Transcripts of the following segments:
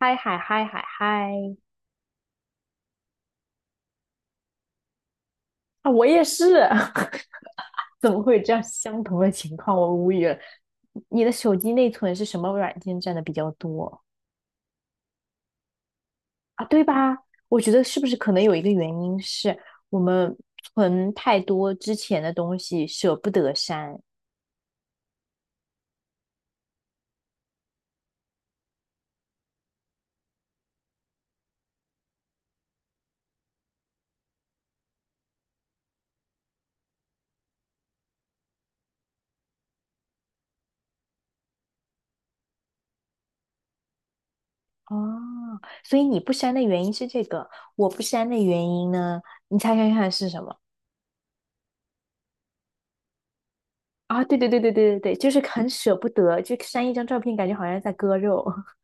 嗨嗨嗨嗨嗨！啊，我也是，怎么会有这样相同的情况？我无语了。你的手机内存是什么软件占的比较多啊？对吧？我觉得是不是可能有一个原因是我们存太多之前的东西，舍不得删哦。所以你不删的原因是这个，我不删的原因呢？你猜猜看是什么？啊，对对对对对对对，就是很舍不得，就删一张照片，感觉好像在割肉。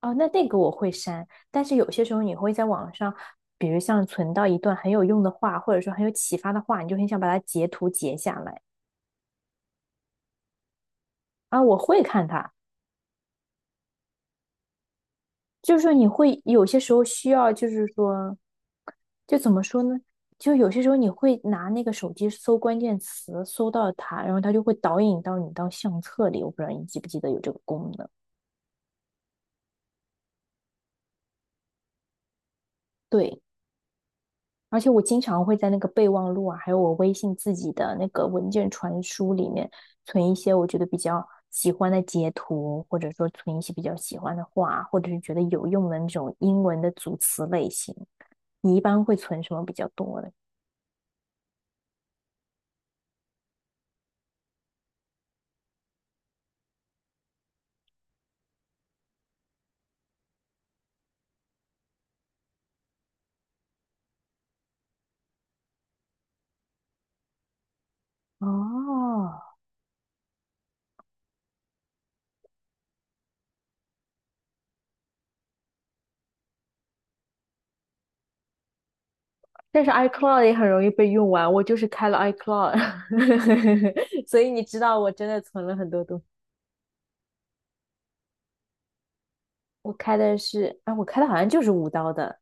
哦，那那个我会删，但是有些时候你会在网上，比如像存到一段很有用的话，或者说很有启发的话，你就很想把它截图截下来啊。我会看它，就是说你会有些时候需要，就是说，就怎么说呢？就有些时候你会拿那个手机搜关键词，搜到它，然后它就会导引到你到相册里。我不知道你记不记得有这个功能。对，而且我经常会在那个备忘录啊，还有我微信自己的那个文件传输里面存一些我觉得比较喜欢的截图，或者说存一些比较喜欢的话，或者是觉得有用的那种英文的组词类型。你一般会存什么比较多的？哦，但是 iCloud 也很容易被用完，我就是开了 iCloud，所以你知道我真的存了很多东西。我开的是，啊，我开的好像就是五刀的，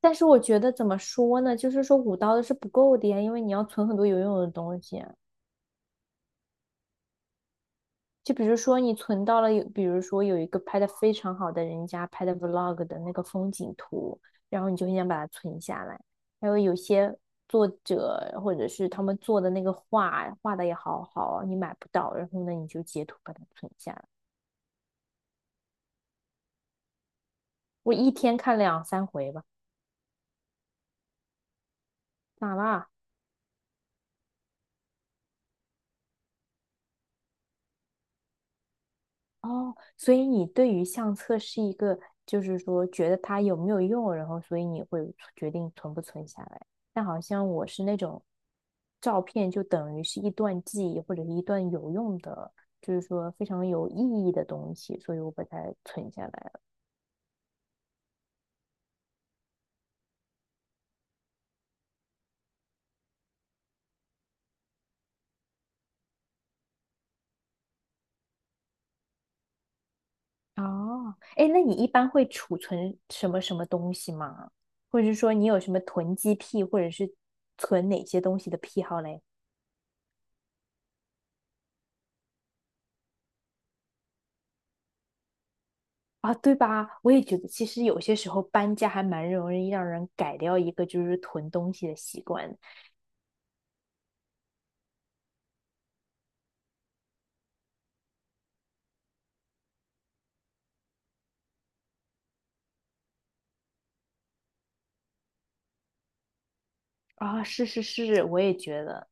但是我觉得怎么说呢，就是说五刀的是不够的呀，因为你要存很多有用的东西啊。就比如说你存到了有，比如说有一个拍的非常好的人家拍的 vlog 的那个风景图，然后你就很想把它存下来。还有有些作者或者是他们做的那个画，画的也好好，你买不到，然后呢你就截图把它存下来。我一天看2、3回吧，咋啦？哦，所以你对于相册是一个，就是说觉得它有没有用，然后所以你会决定存不存下来。但好像我是那种照片就等于是一段记忆或者是一段有用的，就是说非常有意义的东西，所以我把它存下来了。哦，哎，那你一般会储存什么什么东西吗？或者是说你有什么囤积癖，或者是存哪些东西的癖好嘞？啊，对吧？我也觉得，其实有些时候搬家还蛮容易让人改掉一个就是囤东西的习惯啊。是是是，我也觉得，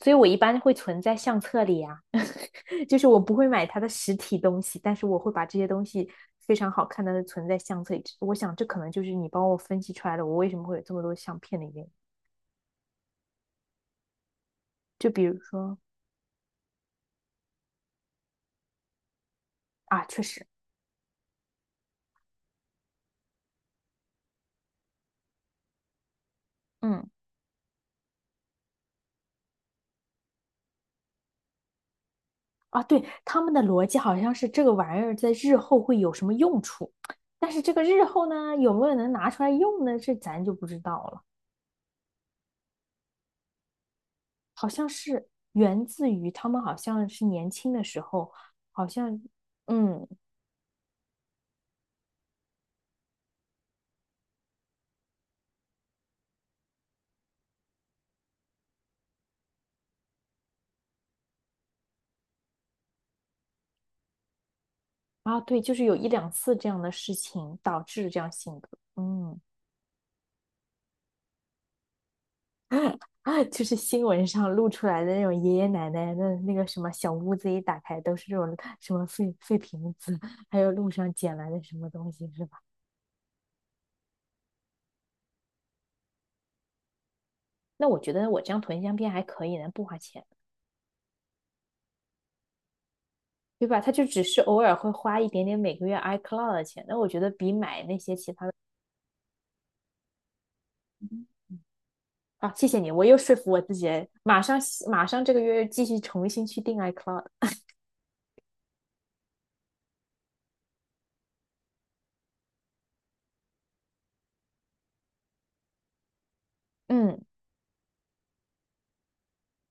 所以我一般会存在相册里啊，就是我不会买它的实体东西，但是我会把这些东西非常好看的存在相册里。我想这可能就是你帮我分析出来的，我为什么会有这么多相片的原因。就比如说啊，确实，嗯。啊，对，他们的逻辑好像是这个玩意儿在日后会有什么用处，但是这个日后呢，有没有能拿出来用呢？这咱就不知道了。好像是源自于他们好像是年轻的时候，好像嗯啊，对，就是有1、2次这样的事情导致这样性格，嗯，就是新闻上露出来的那种爷爷奶奶的那个什么小屋子一打开都是这种什么废废瓶子，还有路上捡来的什么东西是吧？那我觉得我这样囤相片还可以呢，不花钱，对吧？他就只是偶尔会花一点点每个月 iCloud 的钱，那我觉得比买那些其他的啊，谢谢你，我又说服我自己马上马上这个月继续重新去订 iCloud。嗯，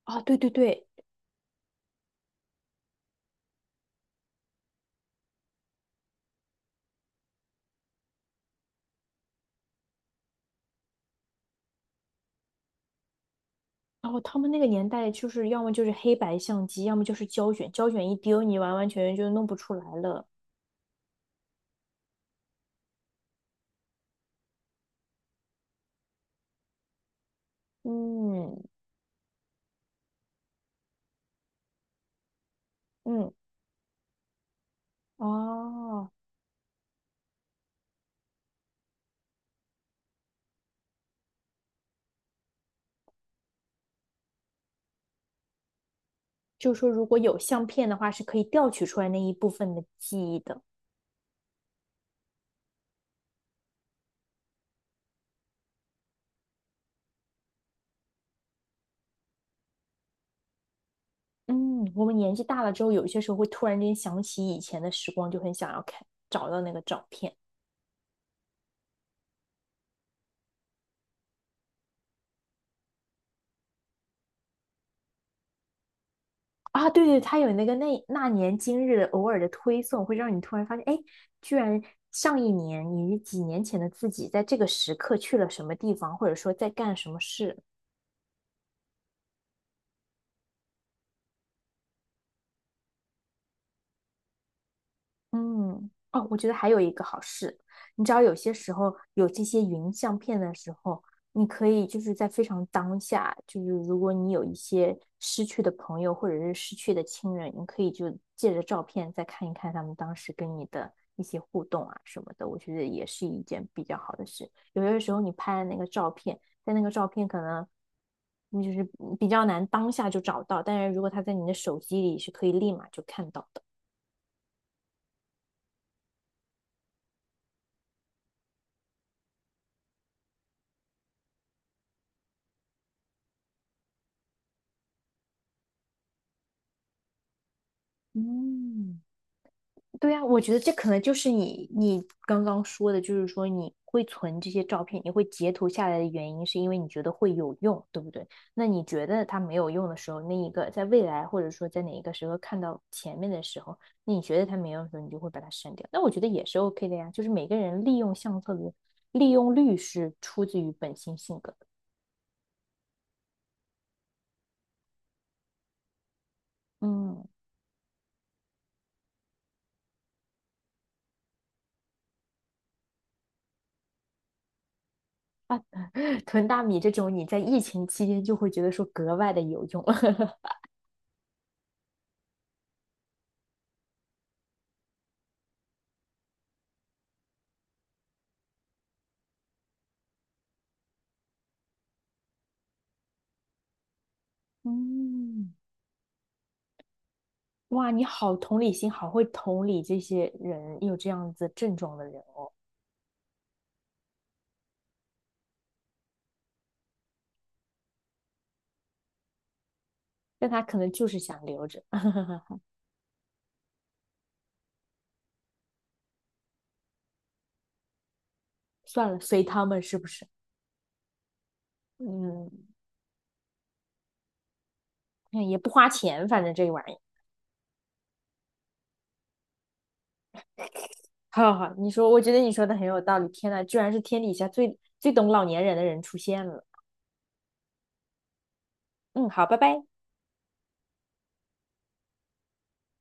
啊，对对对，然后他们那个年代就是要么就是黑白相机，要么就是胶卷，胶卷一丢你完完全全就弄不出来了。嗯嗯，哦，就是说如果有相片的话，是可以调取出来那一部分的记忆的。嗯，我们年纪大了之后，有一些时候会突然间想起以前的时光，就很想要看，找到那个照片啊。对对，它有那个那那年今日的偶尔的推送，会让你突然发现，哎，居然上一年你几年前的自己，在这个时刻去了什么地方，或者说在干什么事。嗯，哦，我觉得还有一个好事，你知道有些时候有这些云相片的时候，你可以就是在非常当下，就是如果你有一些失去的朋友或者是失去的亲人，你可以就借着照片再看一看他们当时跟你的一些互动啊什么的，我觉得也是一件比较好的事。有些时候你拍的那个照片，在那个照片可能你就是比较难当下就找到，但是如果它在你的手机里是可以立马就看到的。嗯，对呀，我觉得这可能就是你你刚刚说的，就是说你会存这些照片，你会截图下来的原因，是因为你觉得会有用，对不对？那你觉得它没有用的时候，那一个在未来或者说在哪一个时候看到前面的时候，那你觉得它没用的时候，你就会把它删掉。那我觉得也是 OK 的呀，就是每个人利用相册的利用率是出自于本性性格的。嗯，囤大米这种，你在疫情期间就会觉得说格外的有用。嗯。哇，你好同理心，好会同理这些人有这样子症状的人哦。但他可能就是想留着，算了，随他们是不是？嗯，那也不花钱，反正这个玩意儿好好，好，你说，我觉得你说的很有道理。天呐，居然是天底下最最懂老年人的人出现了。嗯，好，拜拜。